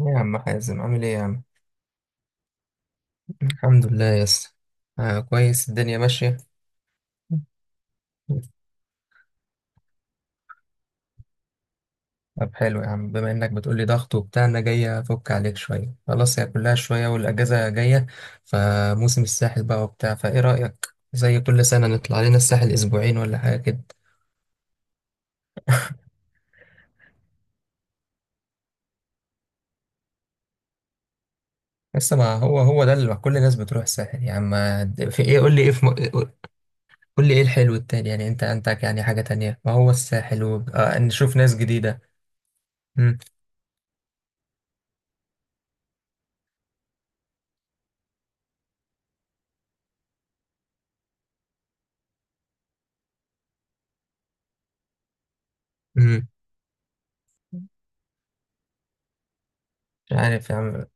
إيه يا عم حازم، عامل ايه يا عم؟ الحمد لله يا اسطى. آه، كويس، الدنيا ماشية. طب حلو يا عم، بما انك بتقولي ضغط وبتاع انا جاي افك عليك شوية، خلاص هي كلها شوية والاجازة جاية. فموسم الساحل بقى وبتاع، فايه رأيك زي كل سنة نطلع لنا الساحل اسبوعين ولا حاجة كده؟ لسه، ما هو ده اللي كل الناس بتروح الساحل يا عم. في ايه؟ قول لي ايه الحلو التاني، يعني انت عندك يعني حاجة تانية؟ ما هو الساحل و... نشوف ناس جديدة. امم. مش عارف يا عم.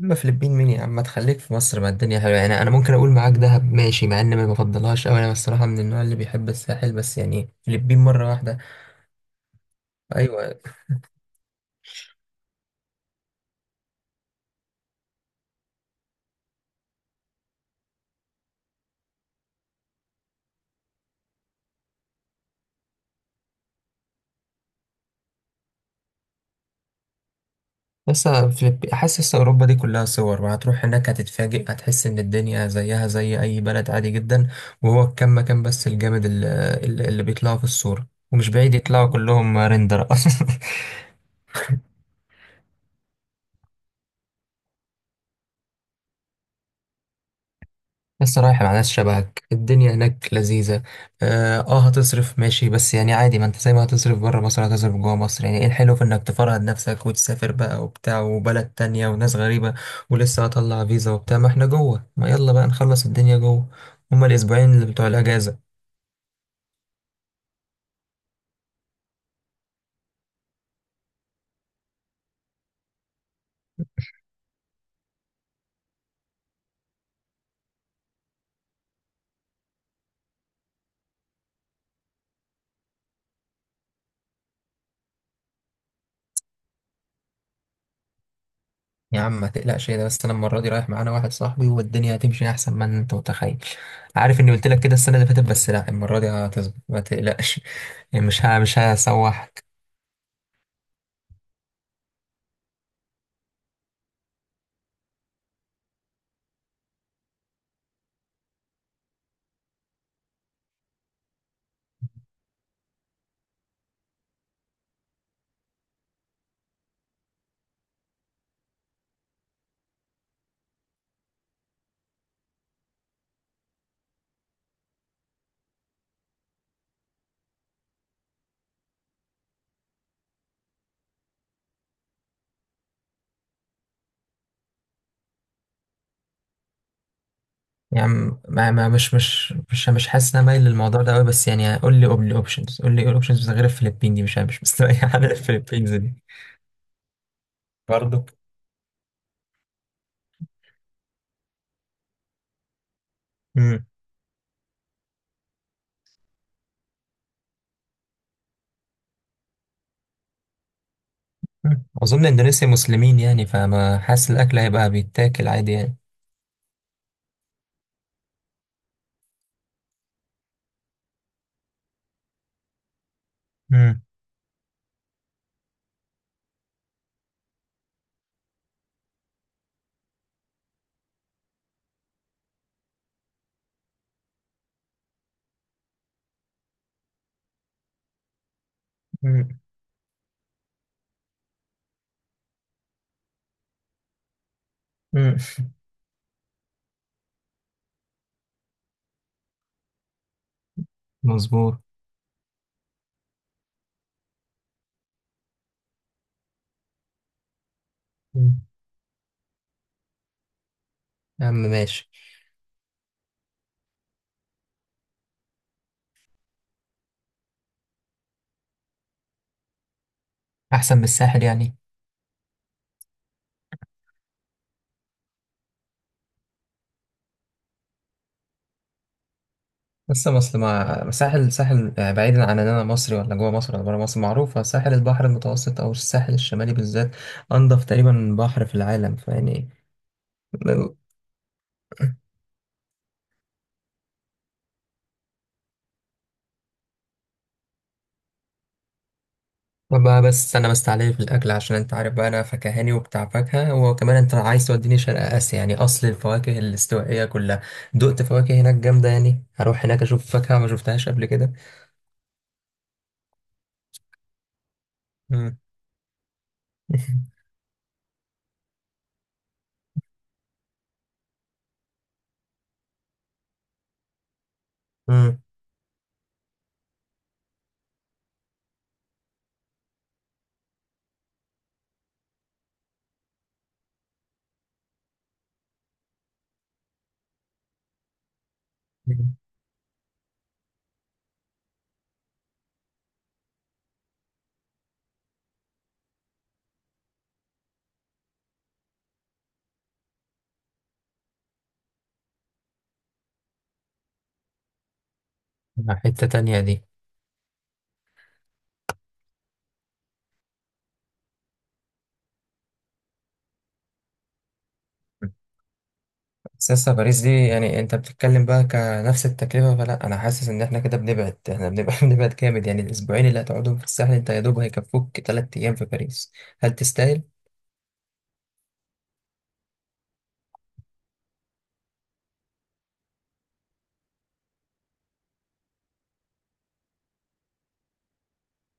اما فلبين مين يا عم، ما تخليك في مصر، ما الدنيا حلوه يعني، انا ممكن اقول معاك دهب ماشي مع ان ما بفضلهاش قوي، انا الصراحه من النوع اللي بيحب الساحل، بس يعني فلبين مره واحده. ايوه. لسه فلبين، حاسس لسه اوروبا دي كلها صور، وهتروح هناك هتتفاجئ، هتحس ان الدنيا زيها زي اي بلد عادي جدا. وهو الكم مكان بس الجامد اللي، اللي بيطلعوا في الصوره ومش بعيد يطلعوا كلهم ريندر اصلا. لسه رايح مع ناس شبهك الدنيا هناك لذيذة. اه، هتصرف ماشي بس يعني عادي، ما انت زي ما هتصرف بره مصر هتصرف جوه مصر، يعني ايه الحلو في انك تفرهد نفسك وتسافر بقى وبتاع وبلد تانية وناس غريبة؟ ولسه هطلع فيزا وبتاع ما احنا جوه، ما يلا بقى نخلص الدنيا جوه. هما الاسبوعين اللي بتوع الاجازة. يا عم ما تقلقش، إيه ده بس، انا المرة دي رايح معانا واحد صاحبي والدنيا هتمشي احسن ما انت متخيل. عارف اني قلت لك كده السنة اللي فاتت، بس لا المرة دي هتظبط ما تقلقش. يعني مش هسوحك. يعني ما ما مش مش مش مش حاسس ان انا مايل للموضوع ده قوي، بس يعني قول لي اوبشنز، قول لي ايه الاوبشنز غير الفلبين دي، مش مستريح على الفلبينز دي. برضه. امم. اظن اندونيسيا مسلمين يعني، فما حاسس الاكل هيبقى بيتاكل عادي يعني. امم. مم. مم. مظبوط. مم. يا عم ماشي. احسن من الساحل يعني؟ لسه مصر مع ساحل ساحل، بعيدا عن ان انا مصري ولا جوه مصر ولا بره مصر، معروفه ساحل البحر المتوسط او الساحل الشمالي بالذات انضف تقريبا بحر في العالم، فيعني. بقى. بس انا مستعلي في الاكل عشان انت عارف بقى انا فكهاني وبتاع فاكهه، وكمان انت عايز توديني شرق اسيا، يعني اصل الفواكه الاستوائيه كلها دقت فواكه، هناك جامده يعني، هروح هناك اشوف فاكهه ما شفتهاش قبل كده. مم. مم. حته تانية دي؟ بس لسه باريس دي يعني انت بتتكلم بقى كنفس التكلفة، فلا، انا حاسس ان احنا كده بنبعد، احنا بنبعد بنبعد جامد، يعني الاسبوعين اللي هتقعدهم في الساحل انت يا دوب هيكفوك تلات ايام في باريس. هل تستاهل؟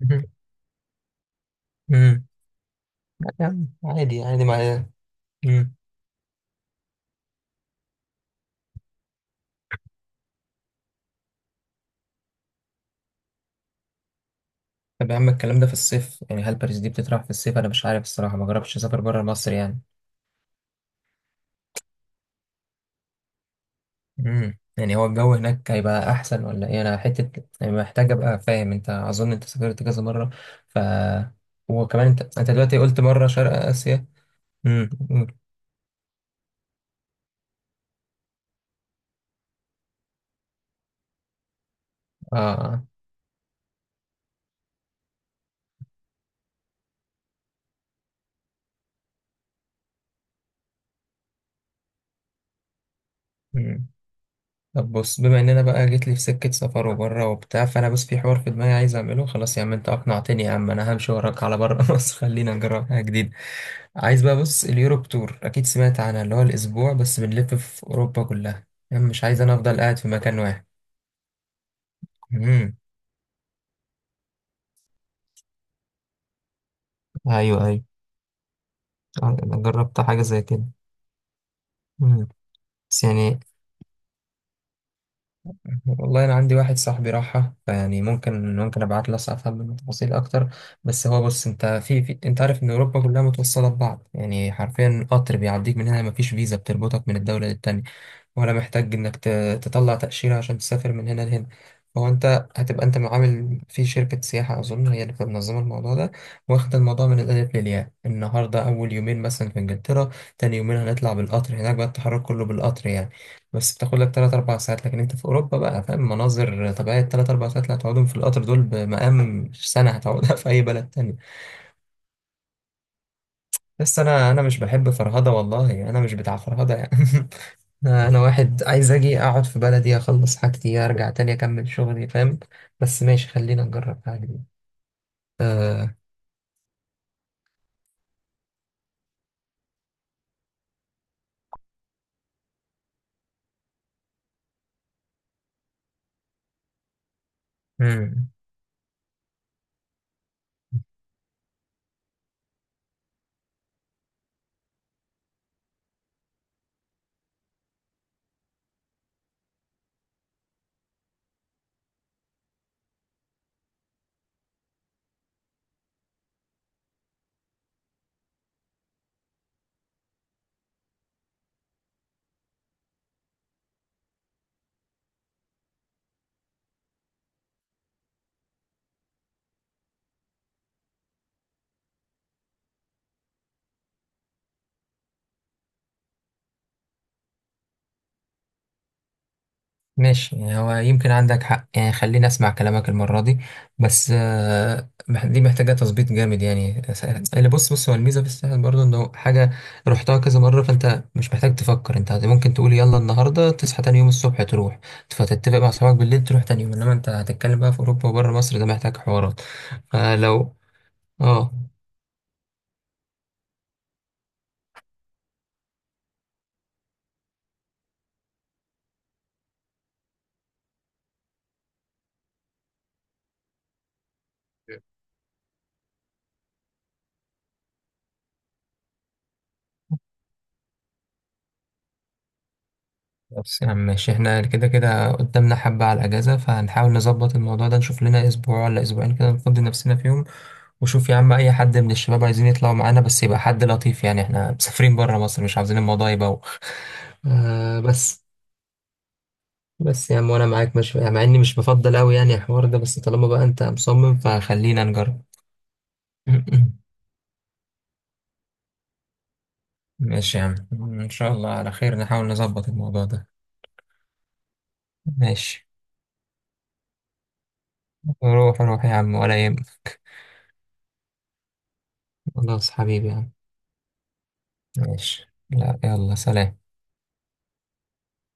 مهم. مم. يعني عادي، عادي معايا. مم. طب يا عم الكلام ده في الصيف يعني، هل باريس دي بتطرح في الصيف؟ انا مش عارف الصراحه، ما جربتش اسافر بره مصر يعني. امم، يعني هو الجو هناك هيبقى احسن ولا ايه؟ انا حته يعني محتاج ابقى فاهم، انت اظن انت سافرت كذا مره، ف وكمان انت دلوقتي قلت مره شرق اسيا. امم. اه. امم. طب بص، بما ان انا بقى جيت لي في سكه سفر وبره وبتاع، فانا بس في حوار في دماغي عايز اعمله. خلاص يا عم انت اقنعتني، يا عم انا همشي وراك على بره مصر، خلينا نجرب حاجه جديده. عايز بقى، بص، اليوروب تور اكيد سمعت عنها، اللي هو الاسبوع بس بنلف في اوروبا كلها، يعني مش عايز انا افضل قاعد في مكان واحد. امم. ايوه، ايوه. آه، انا جربت حاجه زي كده. مم. بس يعني والله انا عندي واحد صاحبي راحها، فيعني ممكن ابعت له افهم منه تفاصيل اكتر. بس هو، بص، انت في انت عارف ان اوروبا كلها متوصله ببعض، يعني حرفيا قطر بيعديك من هنا، مفيش فيزا بتربطك من الدوله للتانية، ولا محتاج تطلع تأشيرة عشان تسافر من هنا لهنا. فهو انت هتبقى انت عامل في شركة سياحة، اظن هي اللي بتبقى منظمة الموضوع ده، واخد الموضوع من الالف للياء، النهاردة اول يومين مثلا في انجلترا، تاني يومين هنطلع بالقطر، هناك بقى التحرك كله بالقطر يعني، بس بتاخد لك 3 4 ساعات، لكن انت في اوروبا بقى فاهم، مناظر طبيعية، 3 4 ساعات اللي هتقعدهم في القطر دول بمقام سنة هتقعدها في اي بلد تاني. بس انا مش بحب فرهده، والله انا مش بتاع فرهده يعني. انا واحد عايز اجي اقعد في بلدي اخلص حاجتي ارجع تاني اكمل شغلي، فاهم؟ بس ماشي، خلينا نجرب حاجه جديده. آه. مم. ماشي، يعني هو يمكن عندك حق يعني، خليني اسمع كلامك المرة دي. بس دي محتاجة تظبيط جامد، اللي، بص، بص، هو الميزة في الساحل برضه انه حاجة رحتها كذا مرة، فانت مش محتاج تفكر، انت ممكن تقول يلا النهاردة تصحى تاني يوم الصبح تروح، فتتفق مع اصحابك بالليل تروح تاني يوم، انما انت هتتكلم بقى في اوروبا وبره مصر، ده محتاج حوارات. فلو اه بس يا عم ماشي، احنا كده كده قدامنا حبة على الأجازة، فهنحاول نظبط الموضوع ده، نشوف لنا أسبوع ولا أسبوعين كده نفضي نفسنا فيهم. وشوف يا عم أي حد من الشباب عايزين يطلعوا معانا، بس يبقى حد لطيف، يعني احنا مسافرين برا مصر مش عاوزين الموضوع يبوخ. آه، بس، بس يا عم وأنا معاك، مش يعني، مع إني مش بفضل أوي يعني الحوار ده، بس طالما بقى أنت مصمم فخلينا نجرب. ماشي يا عم، إن شاء الله على خير، نحاول نظبط الموضوع ده. ماشي، روح روح يا عم ولا يهمك. خلاص حبيبي يا عم. ماشي، لا، يلا سلام.